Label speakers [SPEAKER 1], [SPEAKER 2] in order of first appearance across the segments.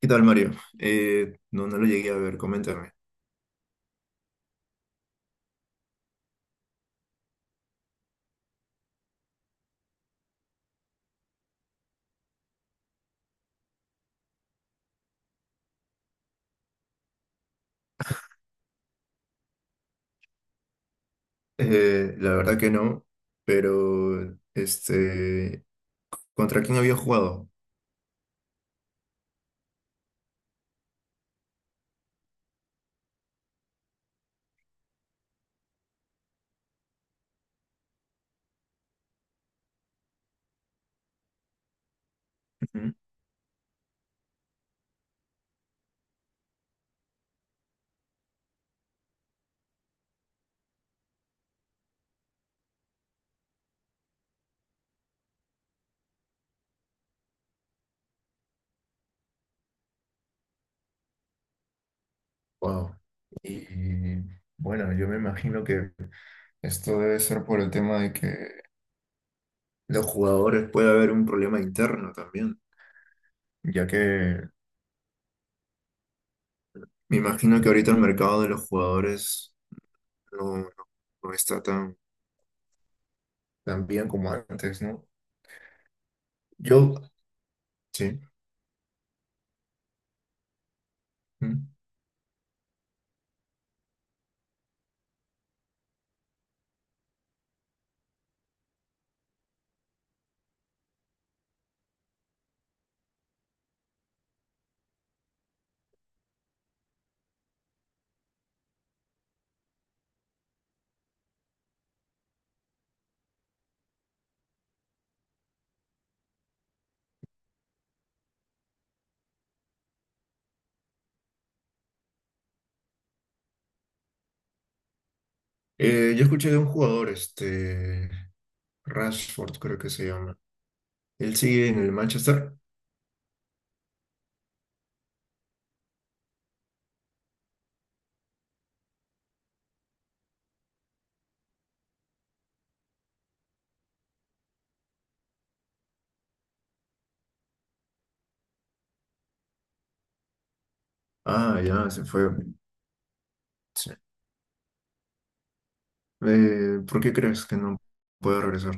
[SPEAKER 1] ¿Qué tal, Mario? No, lo llegué a ver, coméntame. La verdad que no, pero ¿contra quién había jugado? Wow. Y bueno, yo me imagino que esto debe ser por el tema de que los jugadores puede haber un problema interno también, ya que me imagino que ahorita el mercado de los jugadores no, no, no está tan bien como antes, ¿no? Yo, sí. Yo escuché de un jugador, Rashford creo que se llama. ¿Él sigue en el Manchester? Ah, ya, se fue. Sí. ¿Por qué crees que no puede regresar?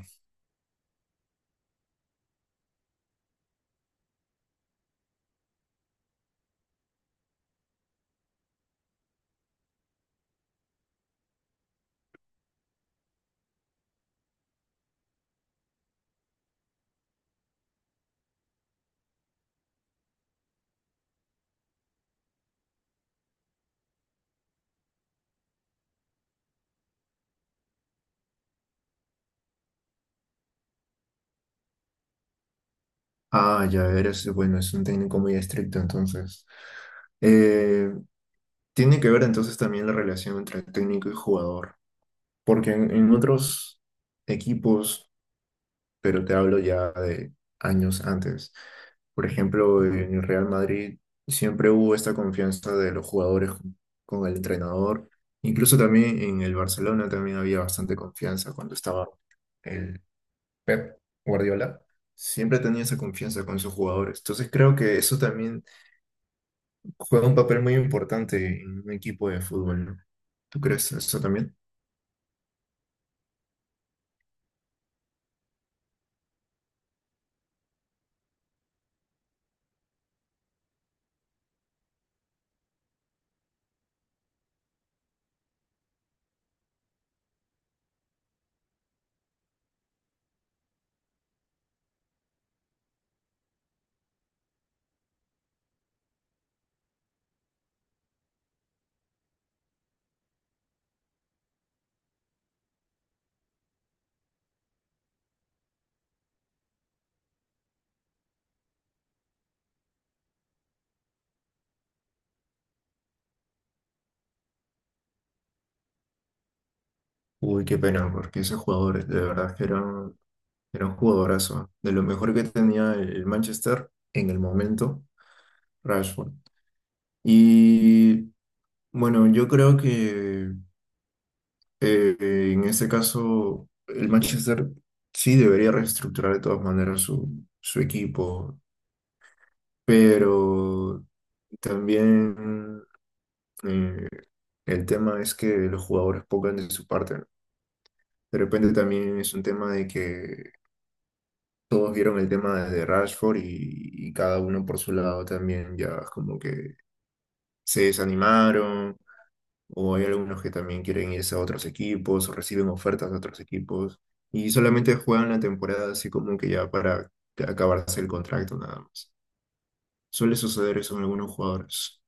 [SPEAKER 1] Ah, ya, eres, bueno, es un técnico muy estricto, entonces. Eh, tiene que ver entonces también la relación entre técnico y jugador, porque en otros equipos, pero te hablo ya de años antes. Por ejemplo, en el Real Madrid siempre hubo esta confianza de los jugadores con el entrenador. Incluso también en el Barcelona también había bastante confianza cuando estaba el Pep Guardiola. Siempre tenía esa confianza con sus jugadores. Entonces creo que eso también juega un papel muy importante en un equipo de fútbol, ¿no? ¿Tú crees eso también? Uy, qué pena, porque esos jugadores de verdad que eran, era un jugadorazo, ¿eh?, de lo mejor que tenía el Manchester en el momento, Rashford. Y bueno, yo creo que en este caso el Manchester sí debería reestructurar de todas maneras su equipo, pero también eh, el tema es que los jugadores pongan de su parte, ¿no? De repente también es un tema de que todos vieron el tema desde Rashford y cada uno por su lado también ya es como que se desanimaron o hay algunos que también quieren irse a otros equipos o reciben ofertas de otros equipos y solamente juegan la temporada así como que ya para acabarse el contrato nada más. Suele suceder eso en algunos jugadores.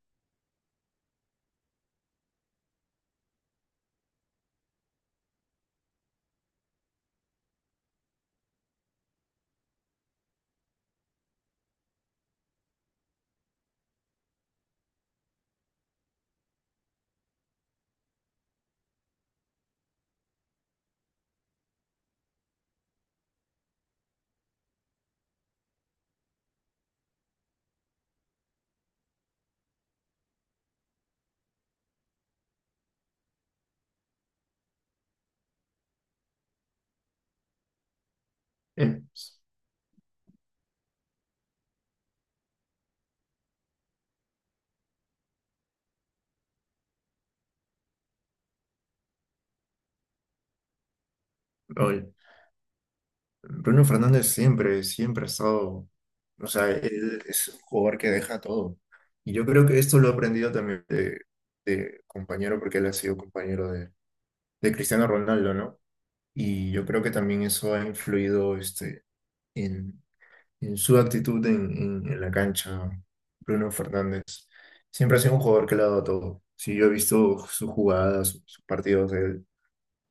[SPEAKER 1] Eh, Raúl, Bruno Fernández siempre, siempre ha estado, o sea, él es un jugador que deja todo. Y yo creo que esto lo he aprendido también de compañero, porque él ha sido compañero de Cristiano Ronaldo, ¿no? Y yo creo que también eso ha influido en, en su actitud en la cancha, Bruno Fernández. Siempre ha sido un jugador que le ha dado todo. Sí, yo he visto sus jugadas, sus partidos,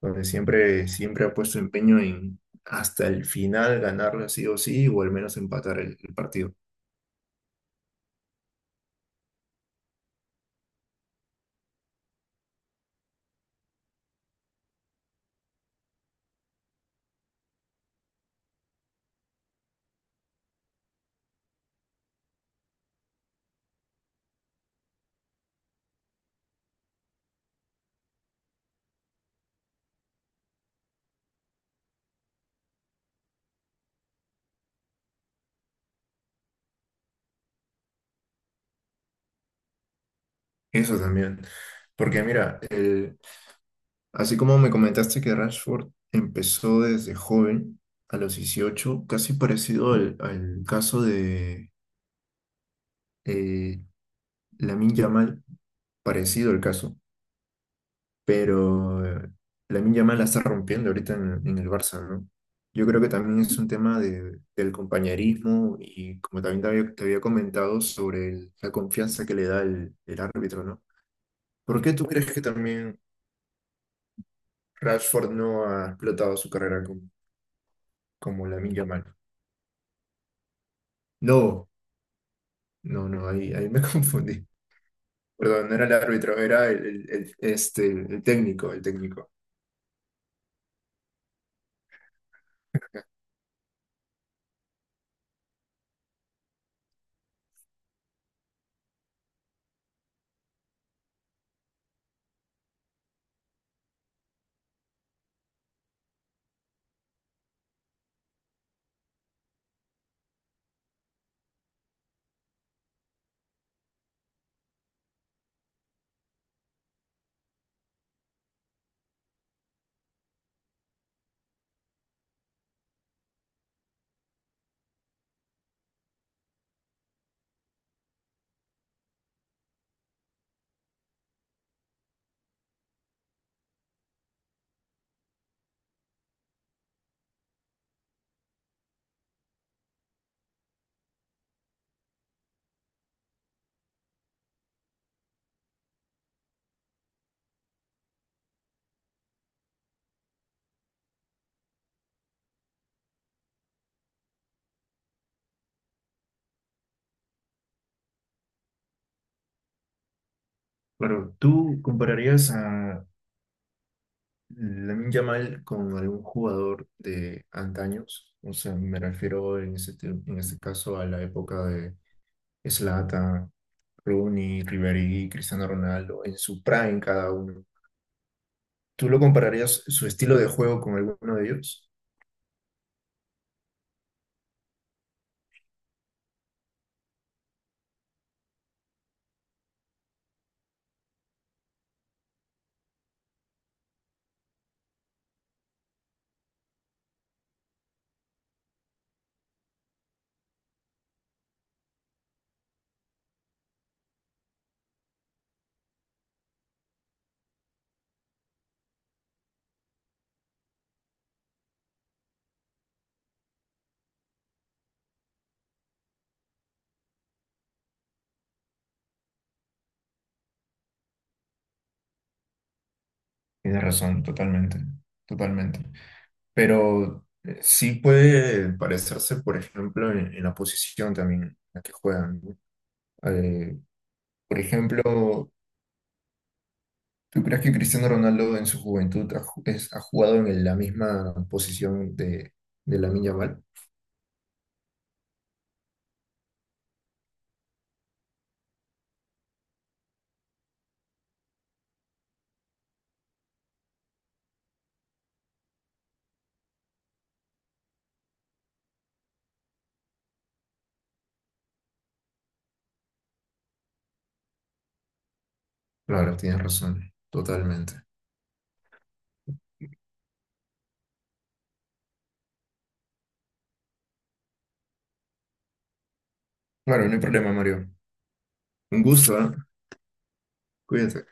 [SPEAKER 1] donde siempre, siempre ha puesto empeño en hasta el final ganarla sí o sí, o al menos empatar el partido. Eso también. Porque mira, así como me comentaste que Rashford empezó desde joven, a los 18 casi parecido al caso de eh, Lamine Yamal, parecido el caso. Pero Lamine Yamal la está rompiendo ahorita en el Barça, ¿no? Yo creo que también es un tema del compañerismo y como también te había comentado sobre la confianza que le da el árbitro, ¿no? ¿Por qué tú crees que también Rashford no ha explotado su carrera como, como Lamine Yamal? No, no, ahí me confundí. Perdón, no era el árbitro, era el técnico, el técnico. Bueno, ¿tú compararías a Lamine Yamal con algún jugador de antaños? O sea, me refiero en en este caso a la época de Zlatan, Rooney, Ribery, Cristiano Ronaldo, en su prime cada uno. ¿Tú lo compararías su estilo de juego con alguno de ellos? Tienes razón, totalmente, totalmente. Pero sí puede parecerse, por ejemplo, en la posición también en la que juegan, ¿no? Eh, por ejemplo, ¿tú crees que Cristiano Ronaldo en su juventud ha, ha jugado en la misma posición de Lamine Yamal? Claro, tienes razón, totalmente. Bueno, no hay problema, Mario. Un gusto, ¿eh? Cuídate.